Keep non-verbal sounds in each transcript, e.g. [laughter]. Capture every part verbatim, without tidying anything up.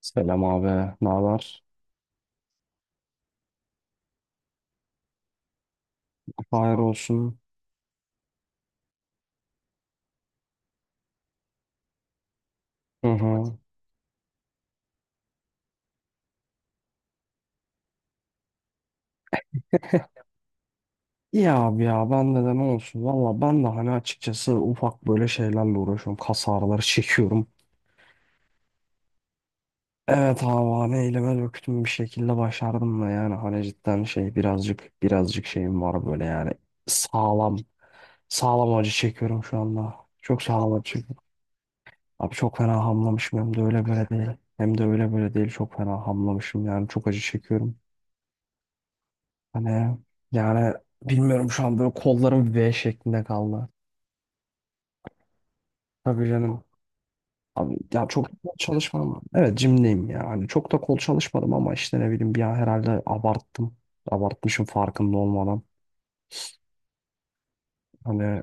Selam abi. Ne haber? Hayır olsun. Hı hı. İyi abi ya ben de de ne olsun. Valla ben de hani açıkçası ufak böyle şeylerle uğraşıyorum. Kas ağrıları [laughs] çekiyorum. Evet abi hani elime döktüm bir şekilde başardım da yani hani cidden şey birazcık birazcık şeyim var böyle yani sağlam sağlam acı çekiyorum şu anda. Çok sağlam acı çekiyorum. Abi çok fena hamlamışım hem de öyle böyle değil. Hem de öyle böyle değil çok fena hamlamışım yani çok acı çekiyorum. Hani yani bilmiyorum şu an böyle kollarım ve şeklinde kaldı. Tabii canım. Abi ya çok da kol çalışmadım. Evet jimdeyim ya. Hani çok da kol çalışmadım ama işte ne bileyim bir an herhalde abarttım. Abartmışım farkında olmadan. Hani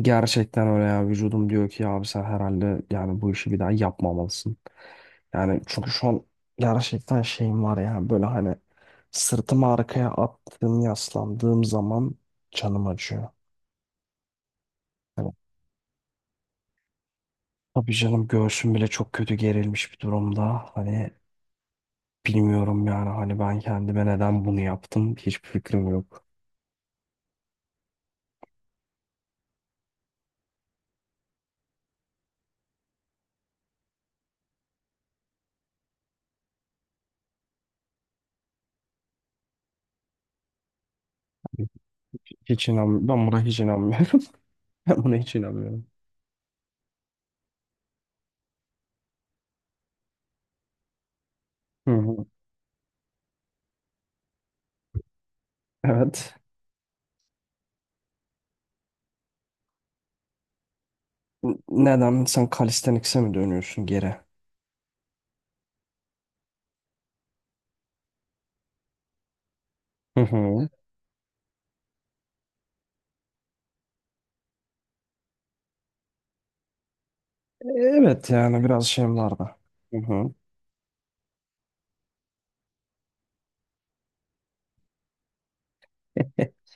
gerçekten öyle ya vücudum diyor ki ya abi sen herhalde yani bu işi bir daha yapmamalısın. Yani çünkü şu an gerçekten şeyim var ya böyle hani sırtımı arkaya attığım yaslandığım zaman canım acıyor. Hani tabii canım göğsüm bile çok kötü gerilmiş bir durumda. Hani bilmiyorum yani hani ben kendime neden bunu yaptım hiçbir fikrim yok. Hiç inanmıyorum. Ben buna hiç inanmıyorum. [laughs] Ben buna hiç inanmıyorum. Hı hı. Evet. N- Neden sen kalistenikse mi dönüyorsun geri? Hı hı. Evet yani biraz şeyim vardı. Hı hı. [laughs]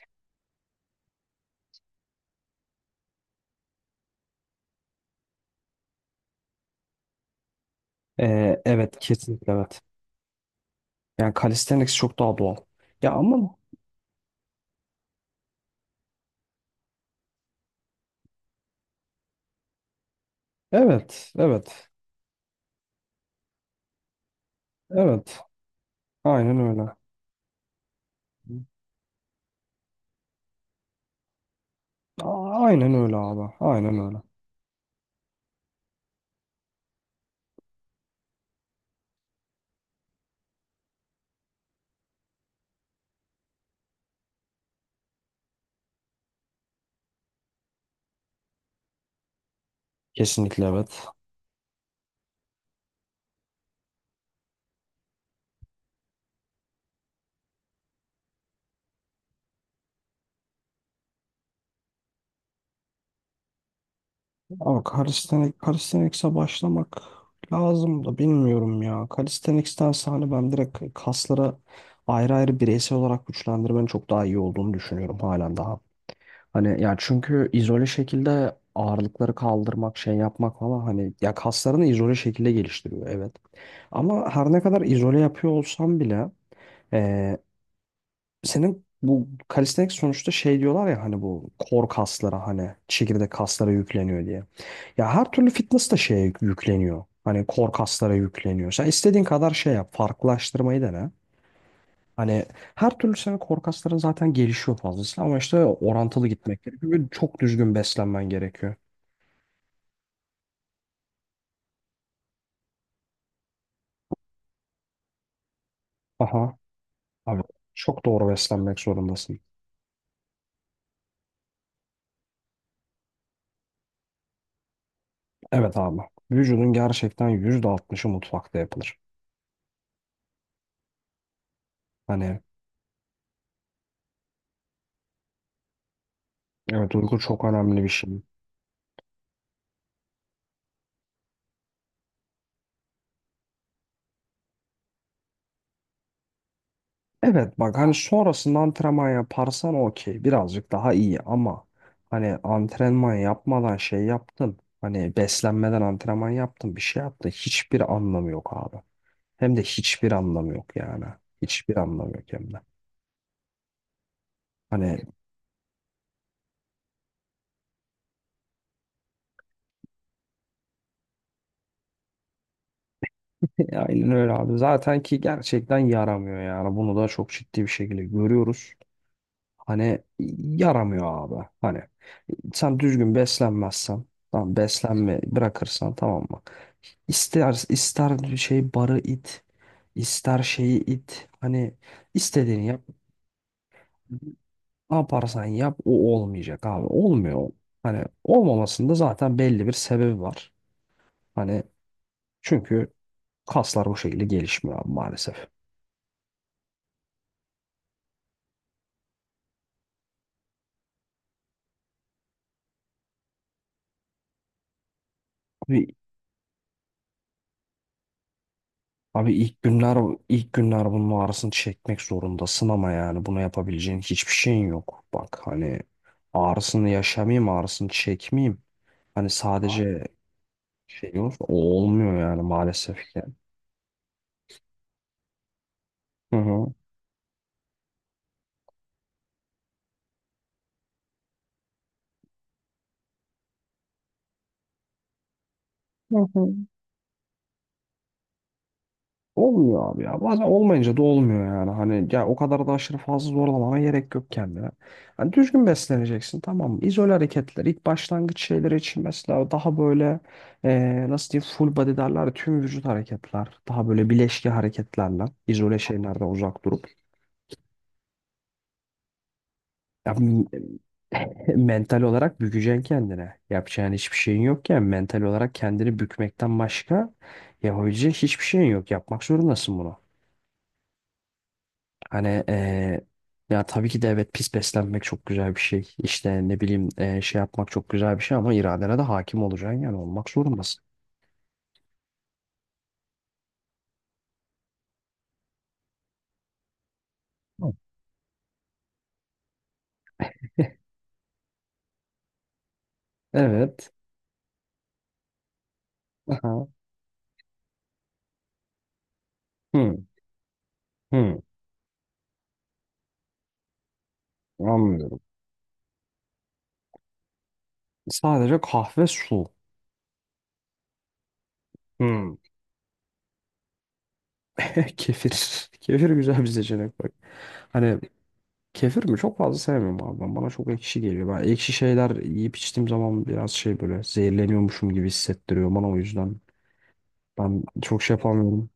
Ee, evet kesinlikle evet. Yani kalisteniks çok daha doğal. Ya ama evet evet. Evet. Aynen öyle. A- Aynen öyle abi. Aynen öyle. Kesinlikle evet. Ama calisthenics, calisthenics'e başlamak lazım da bilmiyorum ya. Calisthenics'tense hani ben direkt kaslara ayrı ayrı bireysel olarak güçlendirmenin çok daha iyi olduğunu düşünüyorum halen daha. Hani ya çünkü izole şekilde ağırlıkları kaldırmak, şey yapmak falan hani ya kaslarını izole şekilde geliştiriyor evet. Ama her ne kadar izole yapıyor olsam bile senin bu kalistenik sonuçta şey diyorlar ya hani bu kor kaslara hani çekirdek kaslara yükleniyor diye. Ya her türlü fitness da şeye yük- yükleniyor. Hani kor kaslara yükleniyor. Sen istediğin kadar şey yap. Farklılaştırmayı dene. Hani her türlü senin kor kasların zaten gelişiyor fazlasıyla ama işte orantılı gitmek gerekiyor. Ve çok düzgün beslenmen gerekiyor. Aha. Abi çok doğru beslenmek zorundasın. Evet abi. Vücudun gerçekten yüzde altmışı mutfakta yapılır. Hani evet uyku çok önemli bir şey. Evet bak hani sonrasında antrenman yaparsan okey birazcık daha iyi ama hani antrenman yapmadan şey yaptın hani beslenmeden antrenman yaptın bir şey yaptın hiçbir anlamı yok abi. Hem de hiçbir anlamı yok yani. Hiçbir anlamı yok hem de. Hani [laughs] aynen öyle abi. Zaten ki gerçekten yaramıyor yani. Bunu da çok ciddi bir şekilde görüyoruz. Hani yaramıyor abi. Hani sen düzgün beslenmezsen, tamam beslenme bırakırsan tamam mı? İster ister şey barı it, ister şeyi it. Hani istediğini yap. Ne yaparsan yap o olmayacak abi. Olmuyor. Hani olmamasında zaten belli bir sebebi var. Hani çünkü kaslar o şekilde gelişmiyor abi maalesef. Abi, abi ilk günler ilk günler bunun ağrısını çekmek zorundasın ama yani bunu yapabileceğin hiçbir şeyin yok. Bak hani ağrısını yaşamayayım, ağrısını çekmeyeyim. Hani sadece şey olur. O olmuyor yani maalesef ki. Hı hı. Olmuyor abi ya. Bazen olmayınca da olmuyor yani. Hani ya o kadar da aşırı fazla zorlamana gerek yok kendine. Hani düzgün besleneceksin tamam mı? İzole hareketler ilk başlangıç şeyleri için mesela daha böyle eee, nasıl diyeyim full body derler ya, tüm vücut hareketler. Daha böyle bileşki hareketlerle izole şeylerden uzak durup ya, m- [laughs] mental olarak bükeceksin kendine. Yapacağın hiçbir şeyin yokken mental olarak kendini bükmekten başka yapabileceğin hiçbir şeyin yok. Yapmak zorundasın bunu. Hani eee, ya tabii ki de evet pis beslenmek çok güzel bir şey. İşte ne bileyim eee, şey yapmak çok güzel bir şey ama iradene de hakim olacaksın yani olmak zorundasın. Hı. Evet. Aha. Hı, hı. Anlıyorum. Sadece kahve su. Hı. [laughs] Kefir. Kefir güzel bir seçenek bak. Hani kefir mi? Çok fazla sevmiyorum abi ben. Bana çok ekşi geliyor. Ben ekşi şeyler yiyip içtiğim zaman biraz şey böyle zehirleniyormuşum gibi hissettiriyor bana o yüzden. Ben çok şey yapamıyorum.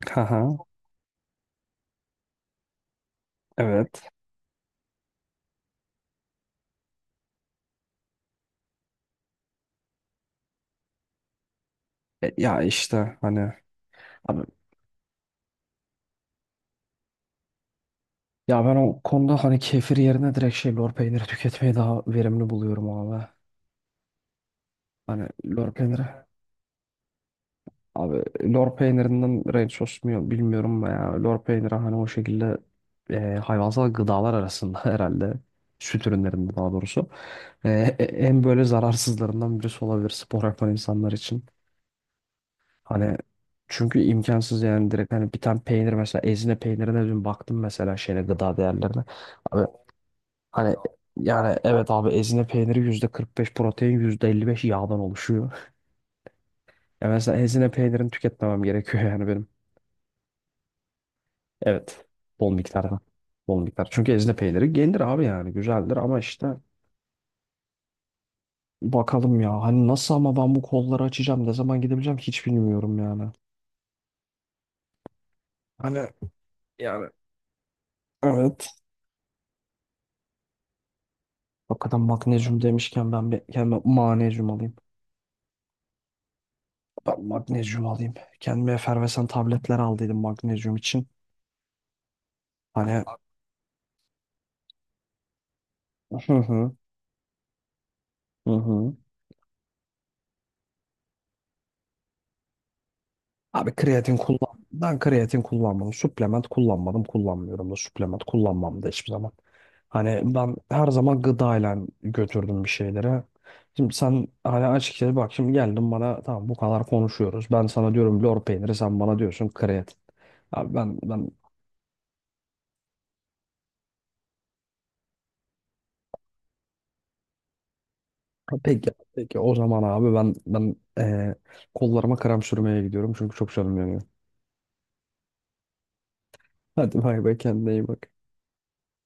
[laughs] Haha. Evet. E, ya işte hani abi ya ben o konuda hani kefir yerine direkt şey lor peyniri tüketmeyi daha verimli buluyorum abi. Hani lor peyniri. Abi lor peynirinden ranch sos mu bilmiyorum ya. Lor peyniri hani o şekilde e, hayvansal gıdalar arasında [laughs] herhalde süt ürünlerinde daha doğrusu e, e- en böyle zararsızlarından birisi olabilir spor yapan insanlar için. Hani çünkü imkansız yani direkt hani bir tane peynir mesela ezine peynirine dün baktım mesela şeyle gıda değerlerine. Abi hani yani evet abi ezine peyniri yüzde kırk beş protein yüzde elli beş yağdan oluşuyor. [laughs] Ya mesela ezine peynirini tüketmemem gerekiyor yani benim. Evet. Bol miktarda. Bol miktar. Çünkü ezine peyniri gelir abi yani. Güzeldir ama işte bakalım ya. Hani nasıl ama ben bu kolları açacağım. Ne zaman gidebileceğim hiç bilmiyorum yani. Hani yani evet. Hakikaten magnezyum demişken ben bir kendime manezyum alayım. Ben magnezyum alayım. Kendime efervesan tabletler aldıydım magnezyum için. Hani hı hı hı hı. Abi kreatin kullan. Ben kreatin kullanmadım. Suplement kullanmadım. Kullanmıyorum da suplement kullanmam da hiçbir zaman. Hani ben her zaman gıdayla götürdüm bir şeylere. Şimdi sen hani açıkçası bak şimdi geldin bana tamam bu kadar konuşuyoruz. Ben sana diyorum lor peyniri sen bana diyorsun kreatin. Abi ben ben ha, peki peki o zaman abi ben ben eee, kollarıma krem sürmeye gidiyorum çünkü çok canım yanıyor. Hadi bay bay kendine iyi bak.